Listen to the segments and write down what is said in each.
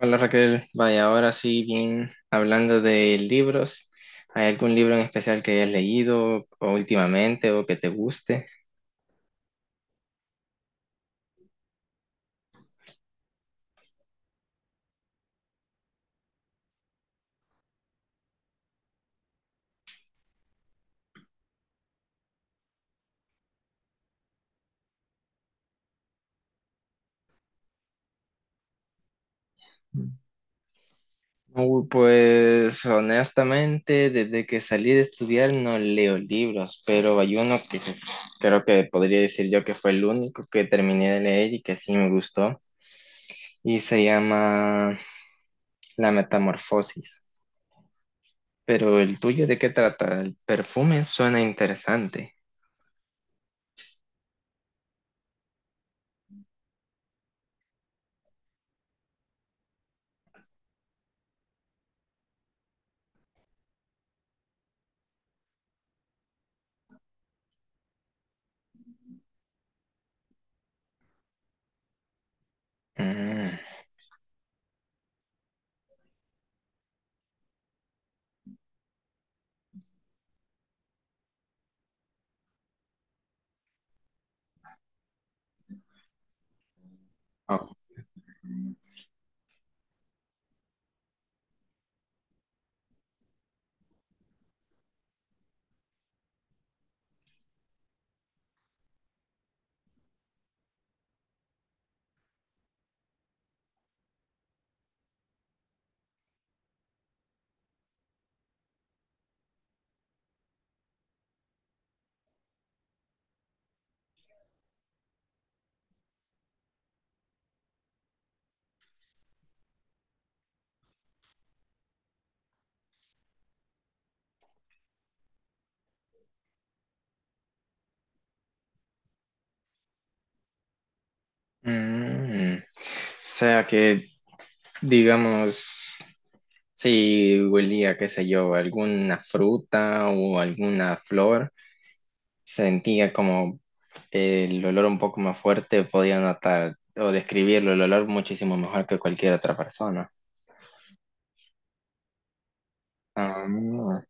Hola Raquel, vaya, ahora sí, bien, hablando de libros, ¿hay algún libro en especial que hayas leído o últimamente o que te guste? Uy, pues honestamente, desde que salí de estudiar no leo libros, pero hay uno que creo que podría decir yo que fue el único que terminé de leer y que sí me gustó, y se llama La Metamorfosis. Pero el tuyo, ¿de qué trata? El perfume suena interesante. Mm. O sea que, digamos, si huelía, qué sé yo, alguna fruta o alguna flor, sentía como el olor un poco más fuerte, podía notar o describirlo, el olor muchísimo mejor que cualquier otra persona. Ah, ujú.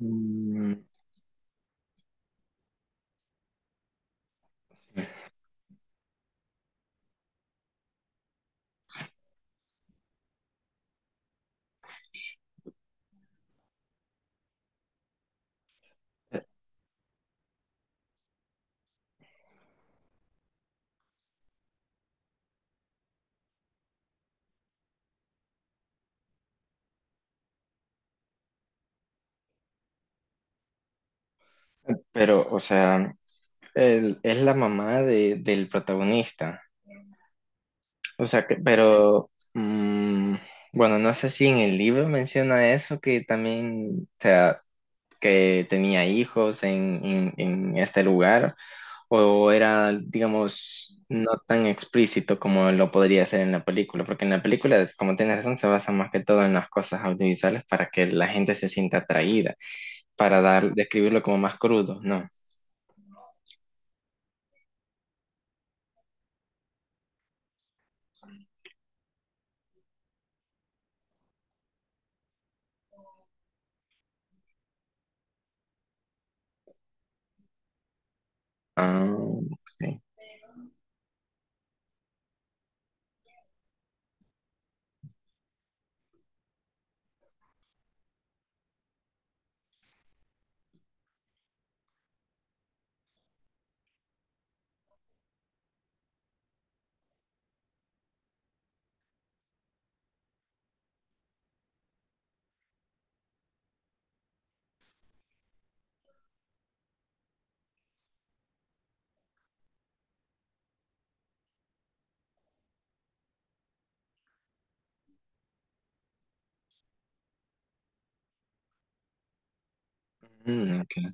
Mm, pero, o sea, es la mamá del protagonista. O sea, que, pero bueno, no sé si en el libro menciona eso, que también, o sea, que tenía hijos en este lugar, o era, digamos, no tan explícito como lo podría ser en la película, porque en la película, como tienes razón, se basa más que todo en las cosas audiovisuales para que la gente se sienta atraída, para dar, describirlo como más crudo, ¿no? Ah, ok. Mm, ok.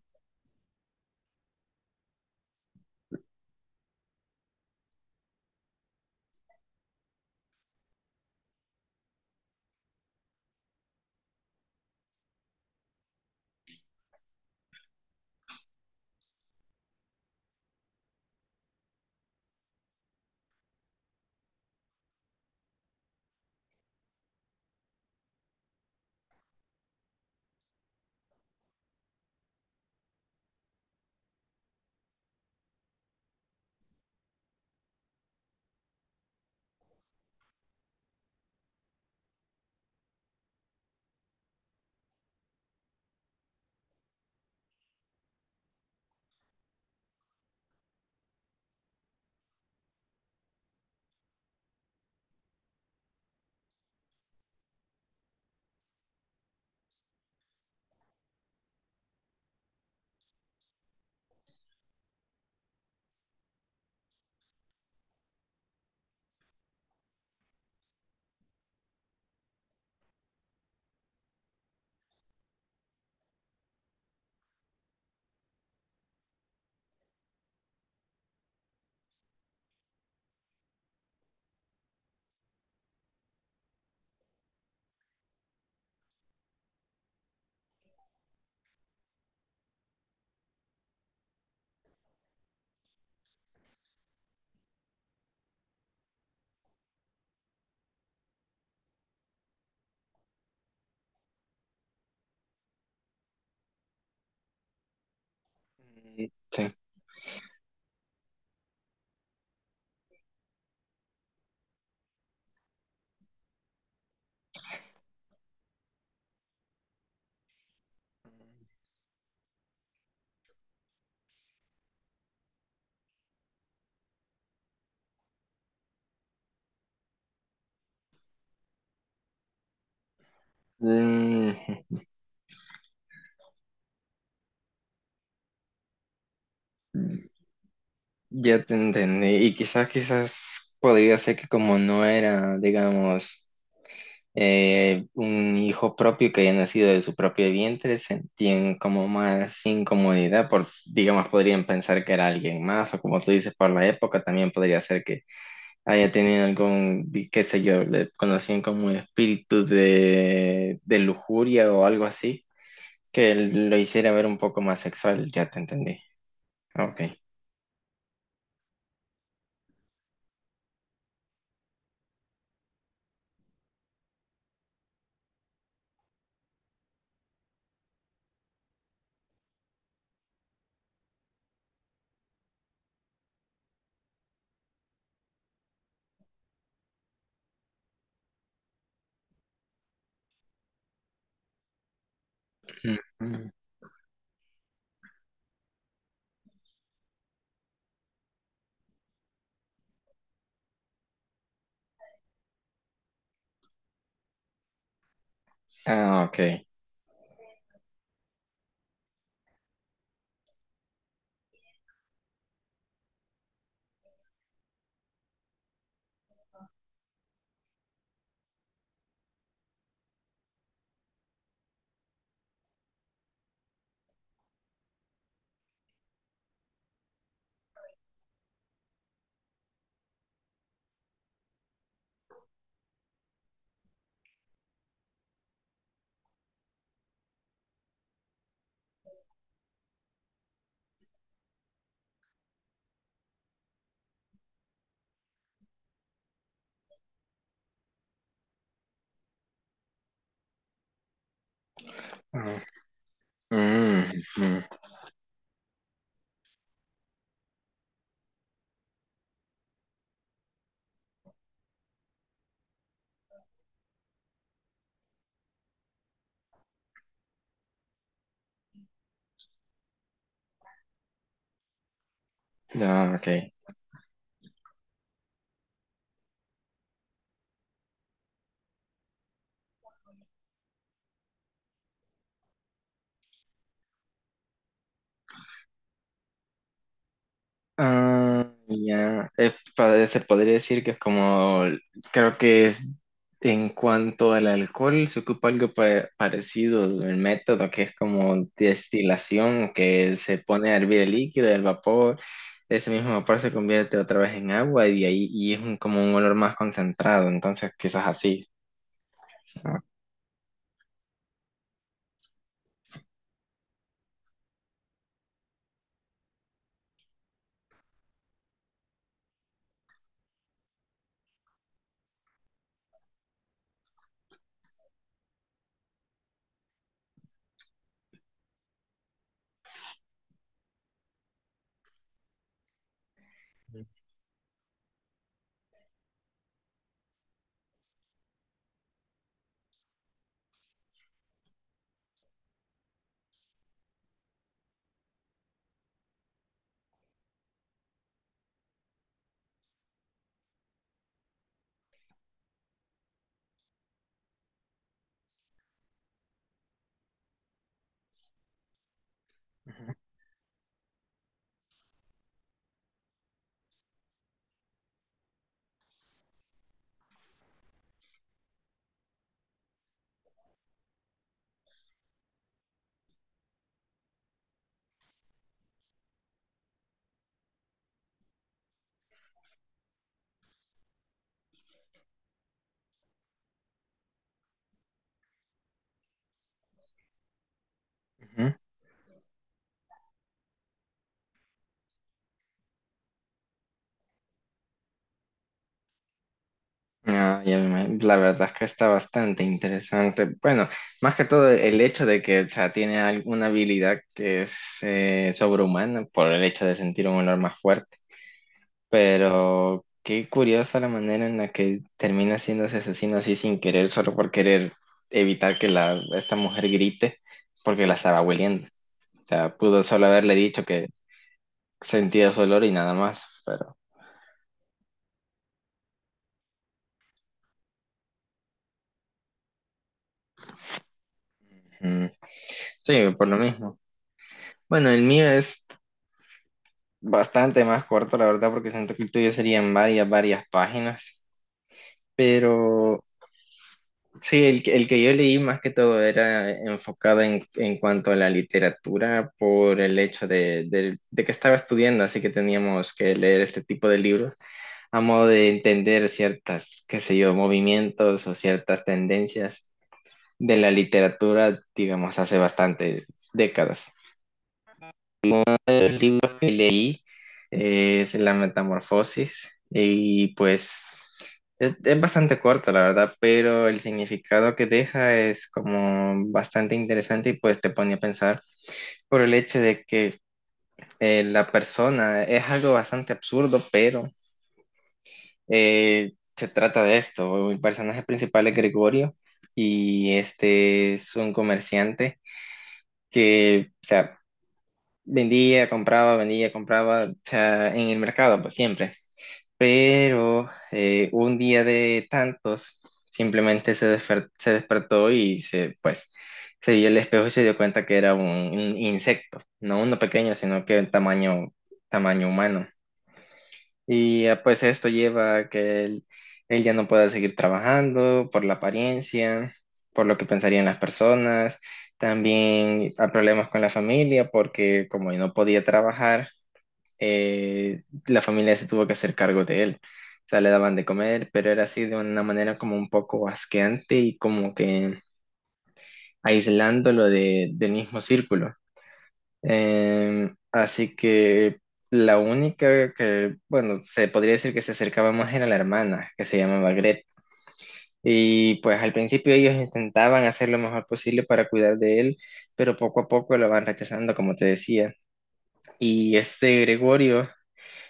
Sí. Mm, ya te entendí. Y quizás, quizás podría ser que como no era, digamos, un hijo propio que haya nacido de su propio vientre, sentían como más incomodidad, por, digamos, podrían pensar que era alguien más, o como tú dices, por la época también podría ser que haya tenido algún, qué sé yo, le conocían como un espíritu de lujuria o algo así, que lo hiciera ver un poco más sexual, ya te entendí. Ok. Mm, mm. Ah, ok. Mm, mm. No, ok. Ah, ya. Se podría decir que es como, creo que es en cuanto al alcohol, se ocupa algo parecido, el método que es como destilación, que se pone a hervir el líquido, el vapor, ese mismo vapor se convierte otra vez en agua y ahí y es como un olor más concentrado, entonces quizás así. ¿No? Ah, la verdad es que está bastante interesante. Bueno, más que todo el hecho de que, o sea, tiene alguna habilidad que es sobrehumana por el hecho de sentir un olor más fuerte. Pero qué curiosa la manera en la que termina siendo ese asesino así sin querer, solo por querer evitar que la, esta mujer grite porque la estaba hueliendo. O sea, pudo solo haberle dicho que sentía su olor y nada más. Pero mm, sí, por lo mismo. Bueno, el mío es bastante más corto, la verdad, porque siento que el tuyo serían varias, varias páginas, pero sí, el que yo leí más que todo era enfocado en cuanto a la literatura por el hecho de, de que estaba estudiando, así que teníamos que leer este tipo de libros a modo de entender ciertas, qué sé yo, movimientos o ciertas tendencias de la literatura, digamos, hace bastantes décadas. De los libros que leí es La Metamorfosis y pues es bastante corto, la verdad, pero el significado que deja es como bastante interesante y pues te pone a pensar por el hecho de que la persona es algo bastante absurdo, pero se trata de esto. El personaje principal es Gregorio y este es un comerciante que, o sea, vendía, compraba, o sea, en el mercado, pues siempre. Pero un día de tantos simplemente se despertó y se, pues, se vio el espejo y se dio cuenta que era un insecto, no uno pequeño, sino que en tamaño, tamaño humano. Y pues esto lleva a que él ya no pueda seguir trabajando por la apariencia, por lo que pensarían las personas, también a problemas con la familia, porque como no podía trabajar, eh, la familia se tuvo que hacer cargo de él. O sea, le daban de comer, pero era así de una manera como un poco asqueante y como que aislándolo de, del mismo círculo. Así que la única que, bueno, se podría decir que se acercaba más era la hermana, que se llamaba Gret. Y pues al principio ellos intentaban hacer lo mejor posible para cuidar de él, pero poco a poco lo van rechazando, como te decía. Y este Gregorio,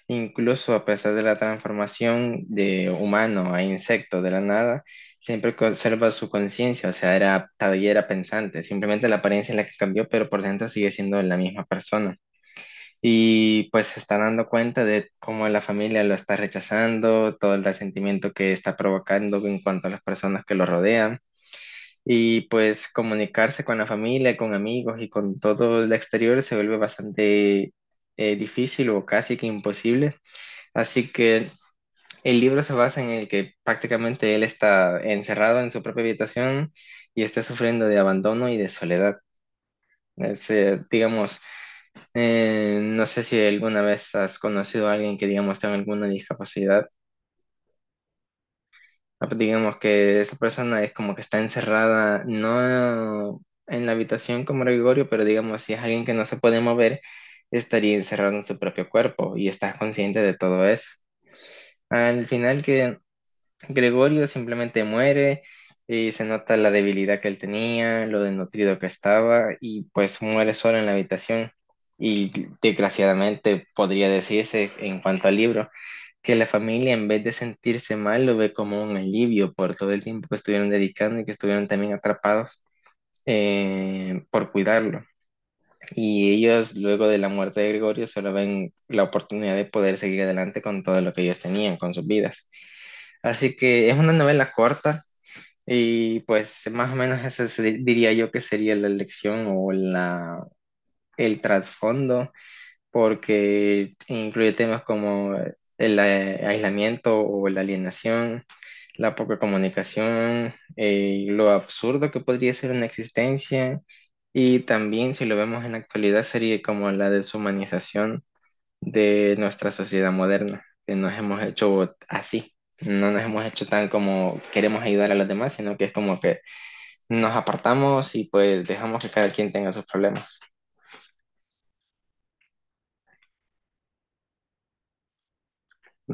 incluso a pesar de la transformación de humano a insecto de la nada, siempre conserva su conciencia, o sea, era todavía era pensante, simplemente la apariencia es la que cambió, pero por dentro sigue siendo la misma persona. Y pues se está dando cuenta de cómo la familia lo está rechazando, todo el resentimiento que está provocando en cuanto a las personas que lo rodean. Y pues comunicarse con la familia, con amigos y con todo el exterior se vuelve bastante difícil o casi que imposible. Así que el libro se basa en el que prácticamente él está encerrado en su propia habitación y está sufriendo de abandono y de soledad. Es, digamos, no sé si alguna vez has conocido a alguien que, digamos, tenga alguna discapacidad. Ah, pues, digamos que esa persona es como que está encerrada, no en la habitación como Gregorio, pero digamos, si es alguien que no se puede mover, estaría encerrado en su propio cuerpo y estás consciente de todo eso. Al final que Gregorio simplemente muere y se nota la debilidad que él tenía, lo desnutrido que estaba y pues muere solo en la habitación. Y desgraciadamente podría decirse en cuanto al libro que la familia en vez de sentirse mal lo ve como un alivio por todo el tiempo que estuvieron dedicando y que estuvieron también atrapados por cuidarlo. Y ellos luego de la muerte de Gregorio solo ven la oportunidad de poder seguir adelante con todo lo que ellos tenían, con sus vidas. Así que es una novela corta, y pues más o menos diría yo que sería la elección o la, el trasfondo, porque incluye temas como el aislamiento o la alienación, la poca comunicación, lo absurdo que podría ser una existencia, y también si lo vemos en la actualidad sería como la deshumanización de nuestra sociedad moderna, que nos hemos hecho así, no nos hemos hecho tan como queremos ayudar a los demás, sino que es como que nos apartamos y pues dejamos que cada quien tenga sus problemas.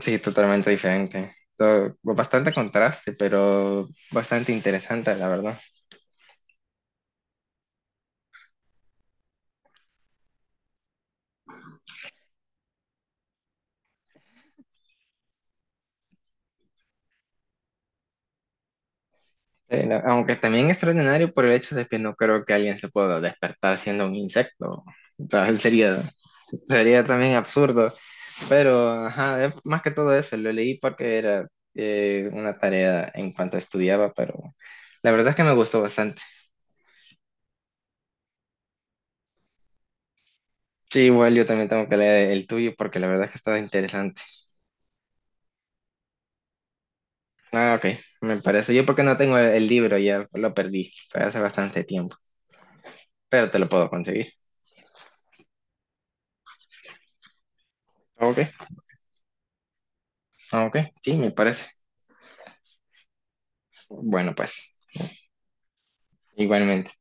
Sí, totalmente diferente. Bastante contraste, pero bastante interesante, la verdad. Sí, aunque también extraordinario por el hecho de que no creo que alguien se pueda despertar siendo un insecto. O sea, sería, sería también absurdo. Pero, ajá, es más que todo eso, lo leí porque era una tarea en cuanto estudiaba, pero la verdad es que me gustó bastante. Sí, igual yo también tengo que leer el tuyo porque la verdad es que está interesante. Ah, ok, me parece. Yo porque no tengo el libro, ya lo perdí, fue hace bastante tiempo, pero te lo puedo conseguir. Ok, ok, sí, me parece. Bueno, pues, igualmente.